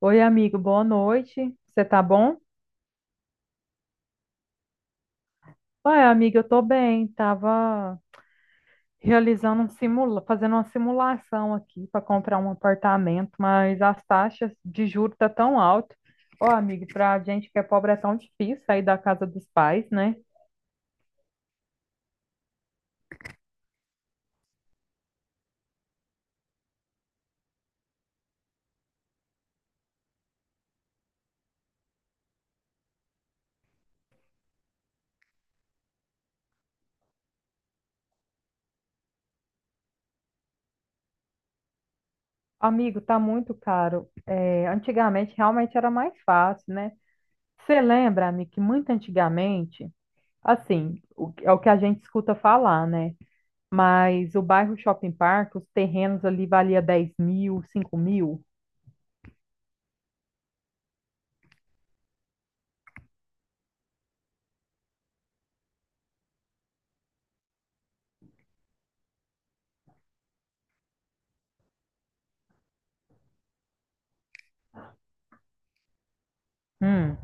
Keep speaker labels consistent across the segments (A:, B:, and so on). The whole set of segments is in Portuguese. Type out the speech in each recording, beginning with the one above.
A: Oi, amigo, boa noite. Você tá bom? Oi, amiga, eu tô bem. Tava realizando fazendo uma simulação aqui para comprar um apartamento, mas as taxas de juros tá tão alto. Ô, amigo, pra gente que é pobre é tão difícil sair da casa dos pais, né? Amigo, tá muito caro. É, antigamente realmente era mais fácil, né? Você lembra, amigo, que muito antigamente, assim, é o que a gente escuta falar, né? Mas o bairro Shopping Park, os terrenos ali valia 10 mil, 5 mil. Hum.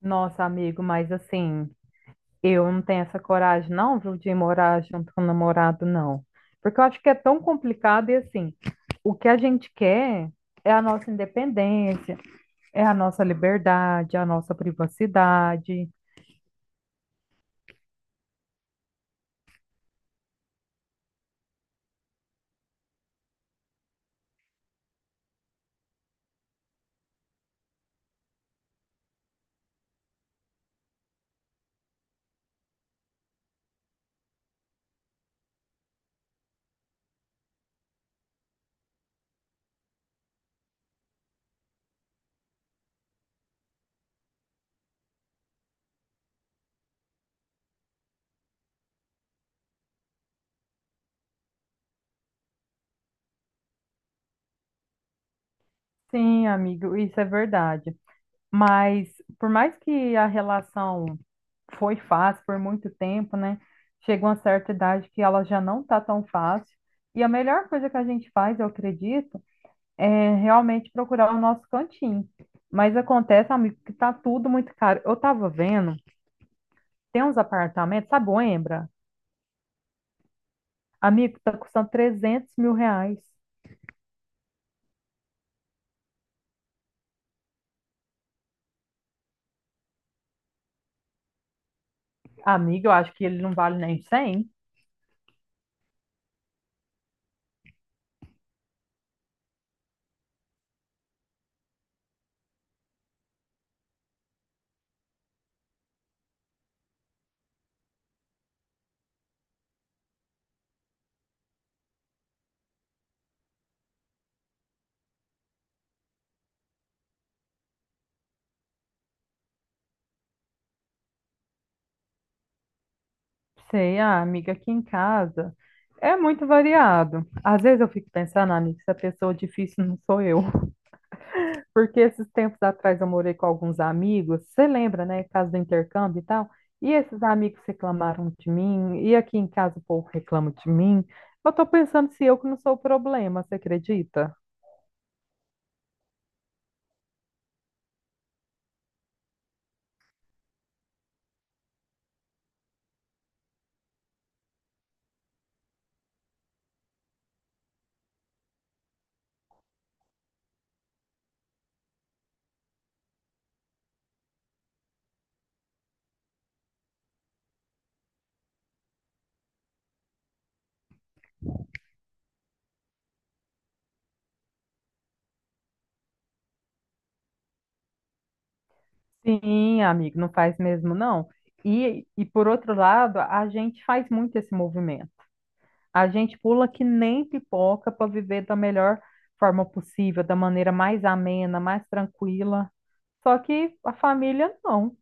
A: Nossa, amigo, mas assim, eu não tenho essa coragem, não, viu, de morar junto com o namorado, não. Porque eu acho que é tão complicado e assim, o que a gente quer é a nossa independência, é a nossa liberdade, é a nossa privacidade. Sim, amigo, isso é verdade. Mas por mais que a relação foi fácil por muito tempo, né? Chega uma certa idade que ela já não tá tão fácil. E a melhor coisa que a gente faz, eu acredito, é realmente procurar o nosso cantinho. Mas acontece, amigo, que tá tudo muito caro. Eu tava vendo, tem uns apartamentos, sabe, o Embra? Amigo, tá custando 300 mil reais. Amigo, eu acho que ele não vale nem 100. Sei, ah, amiga, aqui em casa é muito variado. Às vezes eu fico pensando: "Ah, amiga, se a pessoa difícil não sou eu." Porque esses tempos atrás eu morei com alguns amigos, você lembra, né? Casa do intercâmbio e tal. E esses amigos reclamaram de mim, e aqui em casa o povo reclama de mim. Eu tô pensando se eu que não sou o problema, você acredita? Sim, amigo, não faz mesmo não. E por outro lado, a gente faz muito esse movimento. A gente pula que nem pipoca para viver da melhor forma possível, da maneira mais amena, mais tranquila. Só que a família não.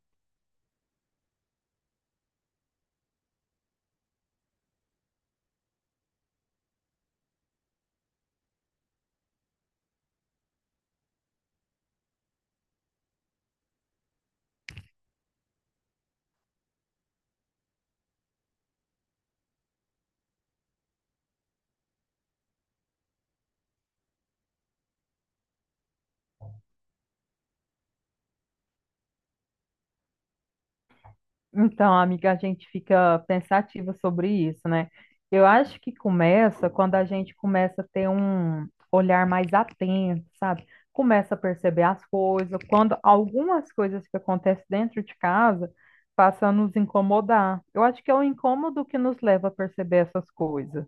A: Então, amiga, a gente fica pensativa sobre isso, né? Eu acho que começa quando a gente começa a ter um olhar mais atento, sabe? Começa a perceber as coisas, quando algumas coisas que acontecem dentro de casa passam a nos incomodar. Eu acho que é o incômodo que nos leva a perceber essas coisas.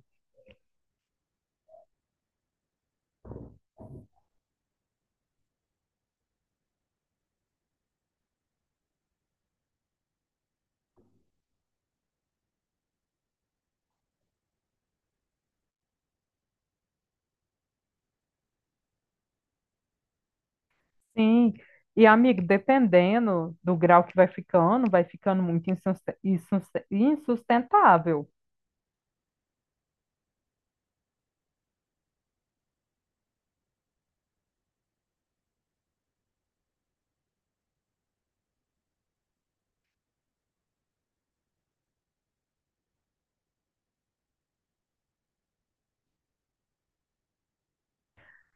A: Sim. E, amigo, dependendo do grau que vai ficando muito insustentável.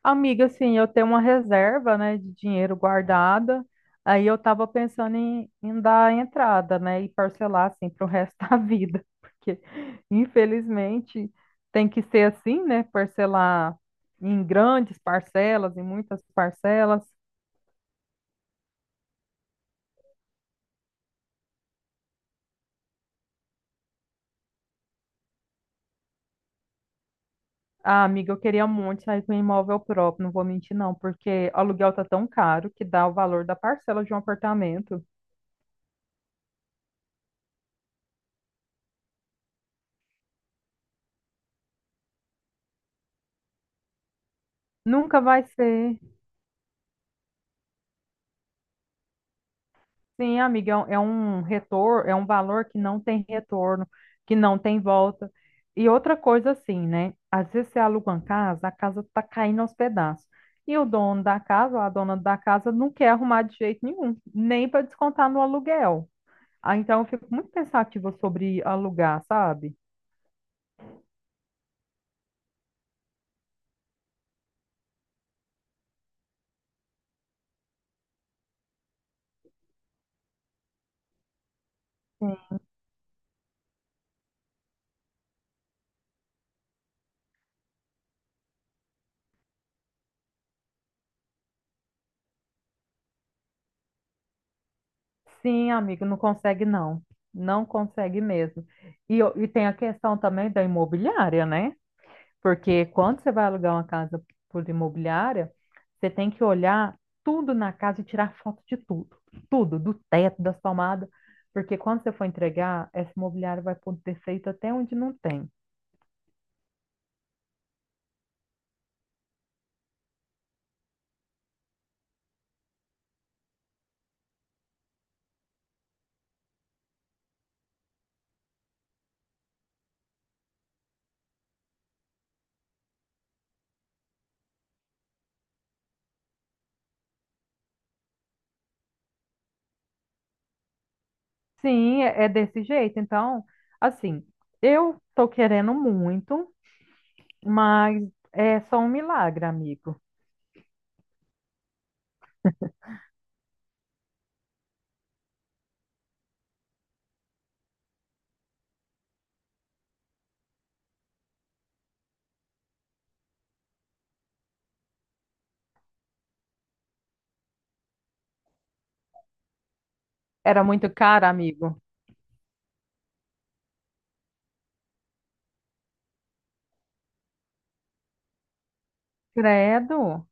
A: Amiga, assim, eu tenho uma reserva, né, de dinheiro guardada. Aí eu tava pensando em dar entrada, né, e parcelar, assim, pro resto da vida. Porque, infelizmente, tem que ser assim, né, parcelar em grandes parcelas, em muitas parcelas. Ah, amiga, eu queria muito sair com um imóvel próprio, não vou mentir não, porque o aluguel tá tão caro que dá o valor da parcela de um apartamento. Nunca vai ser. Sim, amiga, é um retorno, é um valor que não tem retorno, que não tem volta. E outra coisa assim, né? Às vezes você aluga uma casa, a casa tá caindo aos pedaços. E o dono da casa, ou a dona da casa, não quer arrumar de jeito nenhum, nem para descontar no aluguel. Ah, então eu fico muito pensativa sobre alugar, sabe? Sim, amigo, não consegue não. Não consegue mesmo. E, e tem a questão também da imobiliária, né? Porque quando você vai alugar uma casa por imobiliária, você tem que olhar tudo na casa e tirar foto de tudo. Tudo, do teto, das tomadas. Porque quando você for entregar, essa imobiliária vai pôr defeito até onde não tem. Sim, é, é desse jeito. Então, assim, eu tô querendo muito, mas é só um milagre, amigo. Era muito caro, amigo. Credo?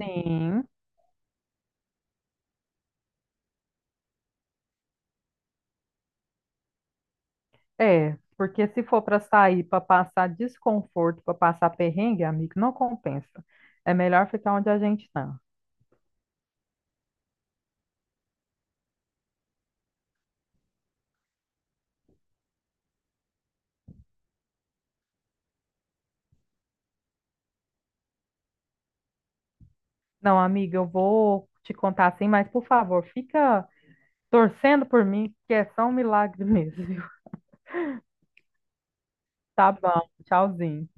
A: Sim, é. Porque se for para sair, para passar desconforto, para passar perrengue, amigo, não compensa. É melhor ficar onde a gente tá. Não, amiga, eu vou te contar assim, mas por favor, fica torcendo por mim, que é só um milagre mesmo, viu? Tá bom, tchauzinho.